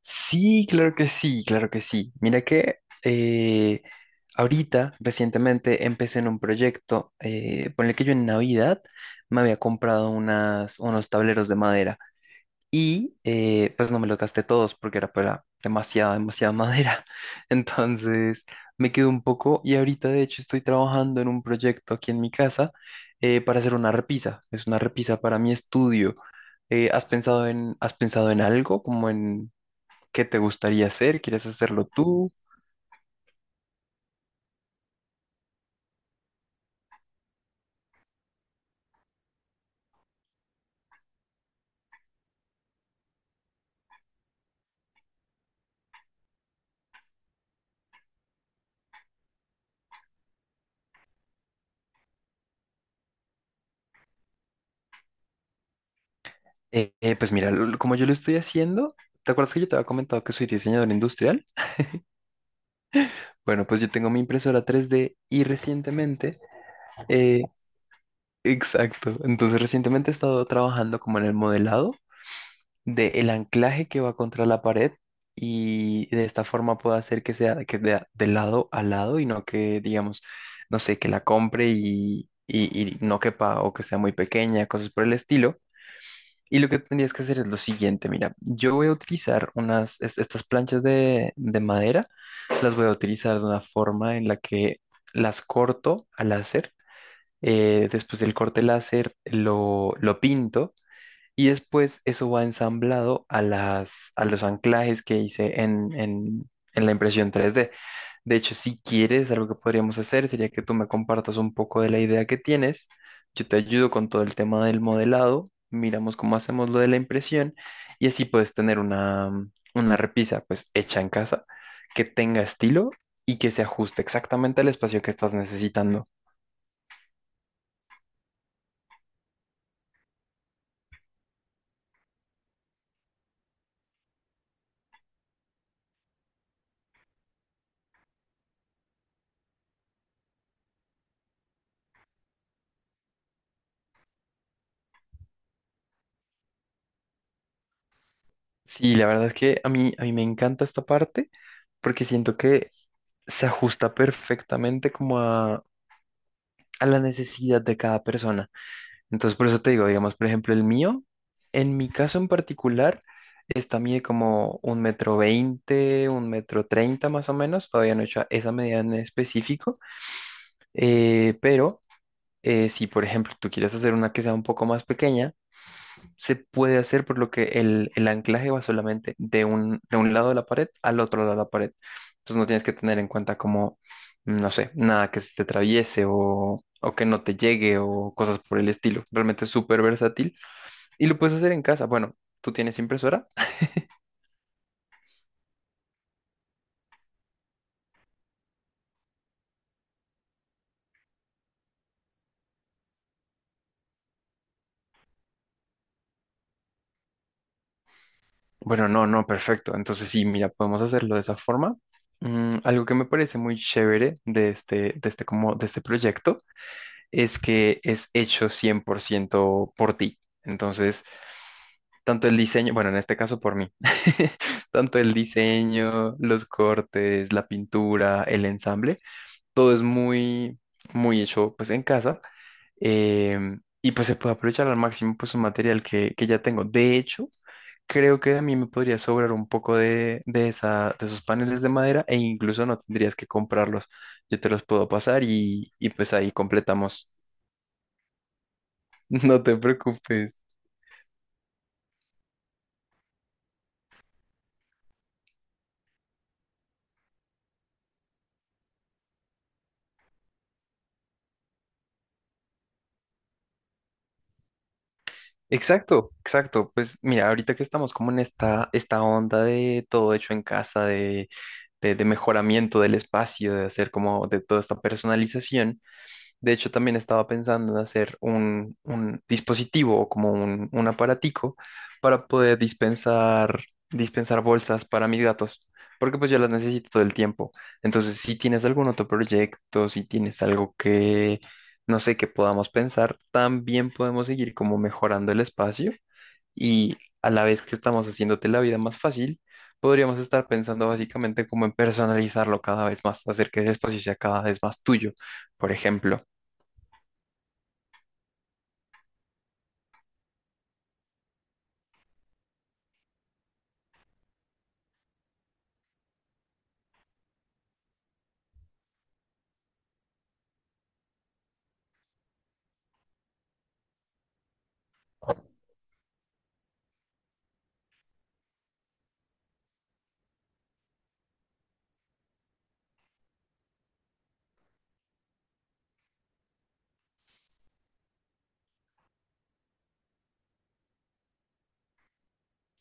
Sí, claro que sí, claro que sí. Mira que ahorita, recientemente, empecé en un proyecto por el que yo en Navidad me había comprado unos tableros de madera y pues no me los gasté todos porque era para demasiada, demasiada madera. Entonces me quedé un poco y ahorita de hecho estoy trabajando en un proyecto aquí en mi casa para hacer una repisa. Es una repisa para mi estudio. Has pensado en algo como en, qué te gustaría hacer? ¿Quieres hacerlo tú? Pues mira, como yo lo estoy haciendo, ¿te acuerdas que yo te había comentado que soy diseñador industrial? Bueno, pues yo tengo mi impresora 3D y recientemente, eh, exacto, entonces recientemente he estado trabajando como en el modelado del anclaje que va contra la pared, y de esta forma puedo hacer que sea que de lado a lado, y no que, digamos, no sé, que la compre y no quepa, o que sea muy pequeña, cosas por el estilo. Y lo que tendrías que hacer es lo siguiente, mira, yo voy a utilizar estas planchas de madera, las voy a utilizar de una forma en la que las corto al láser, después del corte láser lo pinto, y después eso va ensamblado a los anclajes que hice en la impresión 3D. De hecho, si quieres, algo que podríamos hacer sería que tú me compartas un poco de la idea que tienes. Yo te ayudo con todo el tema del modelado, miramos cómo hacemos lo de la impresión, y así puedes tener una repisa pues hecha en casa, que tenga estilo y que se ajuste exactamente al espacio que estás necesitando. Sí, la verdad es que a mí me encanta esta parte, porque siento que se ajusta perfectamente como a la necesidad de cada persona. Entonces, por eso te digo, digamos, por ejemplo, el mío, en mi caso en particular, esta mide como un metro veinte, un metro treinta más o menos, todavía no he hecho esa medida en específico, pero si, por ejemplo, tú quieres hacer una que sea un poco más pequeña, se puede hacer por lo que el anclaje va solamente de de un lado de la pared al otro lado de la pared. Entonces, no tienes que tener en cuenta como, no sé, nada que se te atraviese, o que no te llegue, o cosas por el estilo. Realmente es súper versátil y lo puedes hacer en casa. Bueno, ¿tú tienes impresora? Bueno, no, no, perfecto. Entonces sí, mira, podemos hacerlo de esa forma. Algo que me parece muy chévere de este proyecto es que es hecho 100% por ciento por ti. Entonces, tanto el diseño, bueno, en este caso por mí, tanto el diseño, los cortes, la pintura, el ensamble, todo es muy, muy hecho pues en casa. Y pues se puede aprovechar al máximo pues un material que ya tengo. De hecho, creo que a mí me podría sobrar un poco de esos paneles de madera, e incluso no tendrías que comprarlos. Yo te los puedo pasar, y pues ahí completamos. No te preocupes. Exacto, exacto. Pues mira, ahorita que estamos como en esta onda de todo hecho en casa, de mejoramiento del espacio, de hacer como de toda esta personalización. De hecho, también estaba pensando en hacer un dispositivo, o como un aparatico para poder dispensar bolsas para mis gatos, porque pues yo las necesito todo el tiempo. Entonces, si tienes algún otro proyecto, si tienes algo que, no sé, que podamos pensar, también podemos seguir como mejorando el espacio, y a la vez que estamos haciéndote la vida más fácil, podríamos estar pensando básicamente como en personalizarlo cada vez más, hacer que ese espacio sea cada vez más tuyo, por ejemplo.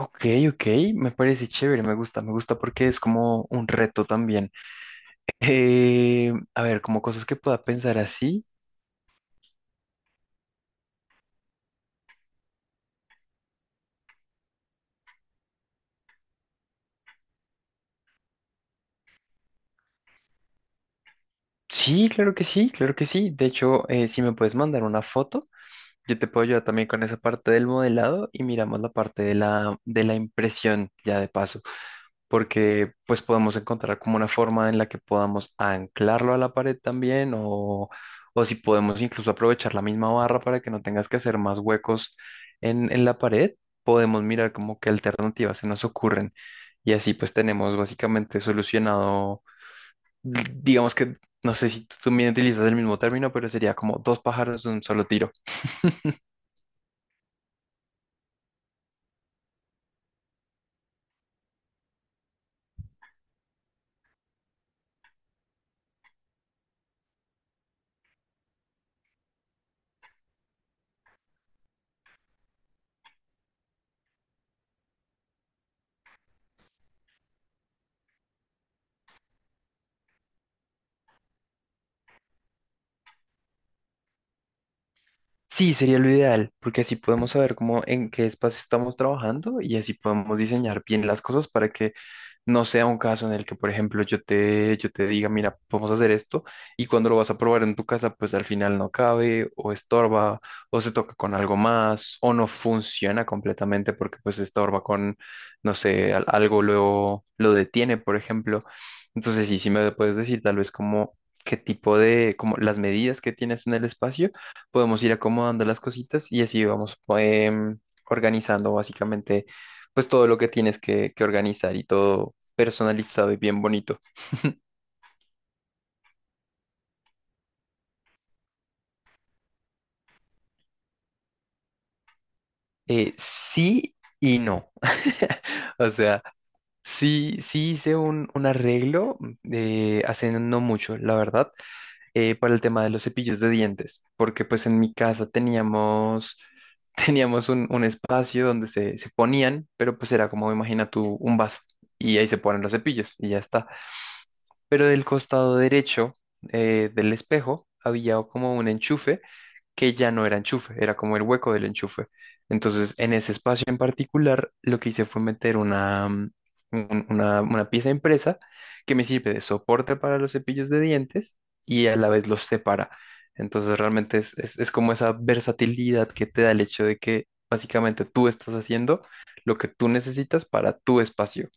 Ok, ok, me parece chévere, me gusta porque es como un reto también. A ver, como cosas que pueda pensar así. Sí, claro que sí, claro que sí. De hecho, si me puedes mandar una foto, yo te puedo ayudar también con esa parte del modelado y miramos la parte de la impresión ya de paso. Porque pues podemos encontrar como una forma en la que podamos anclarlo a la pared también, o si podemos incluso aprovechar la misma barra para que no tengas que hacer más huecos en la pared, podemos mirar como qué alternativas se nos ocurren, y así pues tenemos básicamente solucionado, digamos que, no sé si tú también utilizas el mismo término, pero sería como dos pájaros de un solo tiro. Sí, sería lo ideal, porque así podemos saber cómo en qué espacio estamos trabajando, y así podemos diseñar bien las cosas para que no sea un caso en el que, por ejemplo, yo te diga, mira, vamos a hacer esto, y cuando lo vas a probar en tu casa, pues al final no cabe o estorba, o se toca con algo más, o no funciona completamente porque pues estorba con, no sé, algo lo detiene, por ejemplo. Entonces, sí, sí me puedes decir tal vez como qué tipo de, como las medidas que tienes en el espacio, podemos ir acomodando las cositas, y así vamos em, organizando básicamente pues todo lo que tienes que organizar, y todo personalizado y bien bonito. Sí y no. O sea, sí, sí hice un arreglo hace no mucho, la verdad, para el tema de los cepillos de dientes, porque pues en mi casa teníamos, teníamos un espacio donde se ponían, pero pues era como, imagina tú, un vaso, y ahí se ponen los cepillos y ya está. Pero del costado derecho, del espejo, había como un enchufe que ya no era enchufe, era como el hueco del enchufe. Entonces, en ese espacio en particular, lo que hice fue meter una, mm, un- una pieza impresa que me sirve de soporte para los cepillos de dientes, y a la vez los separa. Entonces, realmente es como esa versatilidad que te da el hecho de que básicamente tú estás haciendo lo que tú necesitas para tu espacio.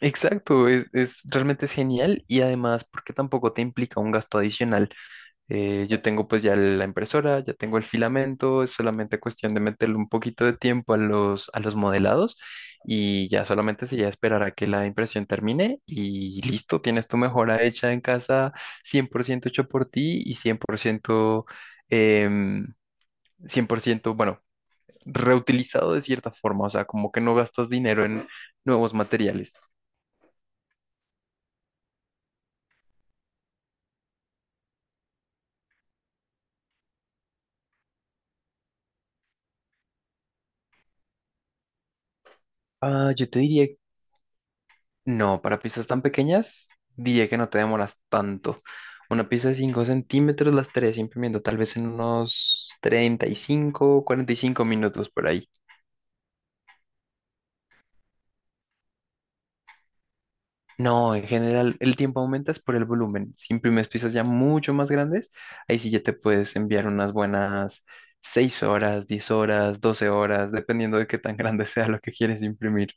Exacto, realmente es genial, y además porque tampoco te implica un gasto adicional. Yo tengo pues ya la impresora, ya tengo el filamento, es solamente cuestión de meterle un poquito de tiempo a los modelados, y ya solamente sería esperar a que la impresión termine y listo, tienes tu mejora hecha en casa 100% hecho por ti, y 100%, em, 100% bueno, reutilizado de cierta forma, o sea, como que no gastas dinero en nuevos materiales. Ah, yo te diría, no, para piezas tan pequeñas, diría que no te demoras tanto. Una pieza de 5 centímetros la estaré imprimiendo tal vez en unos 35, 45 minutos por ahí. No, en general el tiempo aumenta es por el volumen. Si imprimes piezas ya mucho más grandes, ahí sí ya te puedes enviar unas buenas 6 horas, 10 horas, 12 horas, dependiendo de qué tan grande sea lo que quieres imprimir.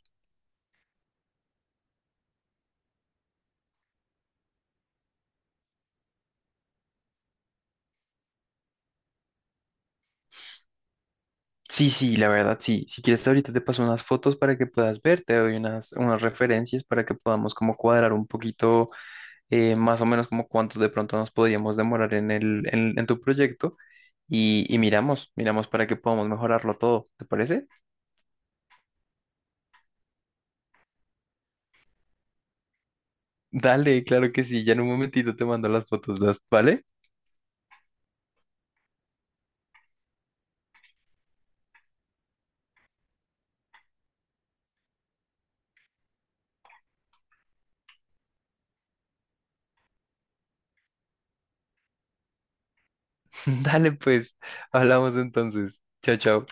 Sí, sí, la verdad, sí. Si quieres, ahorita te paso unas fotos para que puedas ver, te doy unas referencias para que podamos como cuadrar un poquito, más o menos como cuánto de pronto nos podríamos demorar en tu proyecto, y miramos para que podamos mejorarlo todo, ¿te parece? Dale, claro que sí, ya en un momentito te mando las fotos, ¿vale? Dale, pues, hablamos entonces. Chao, chao.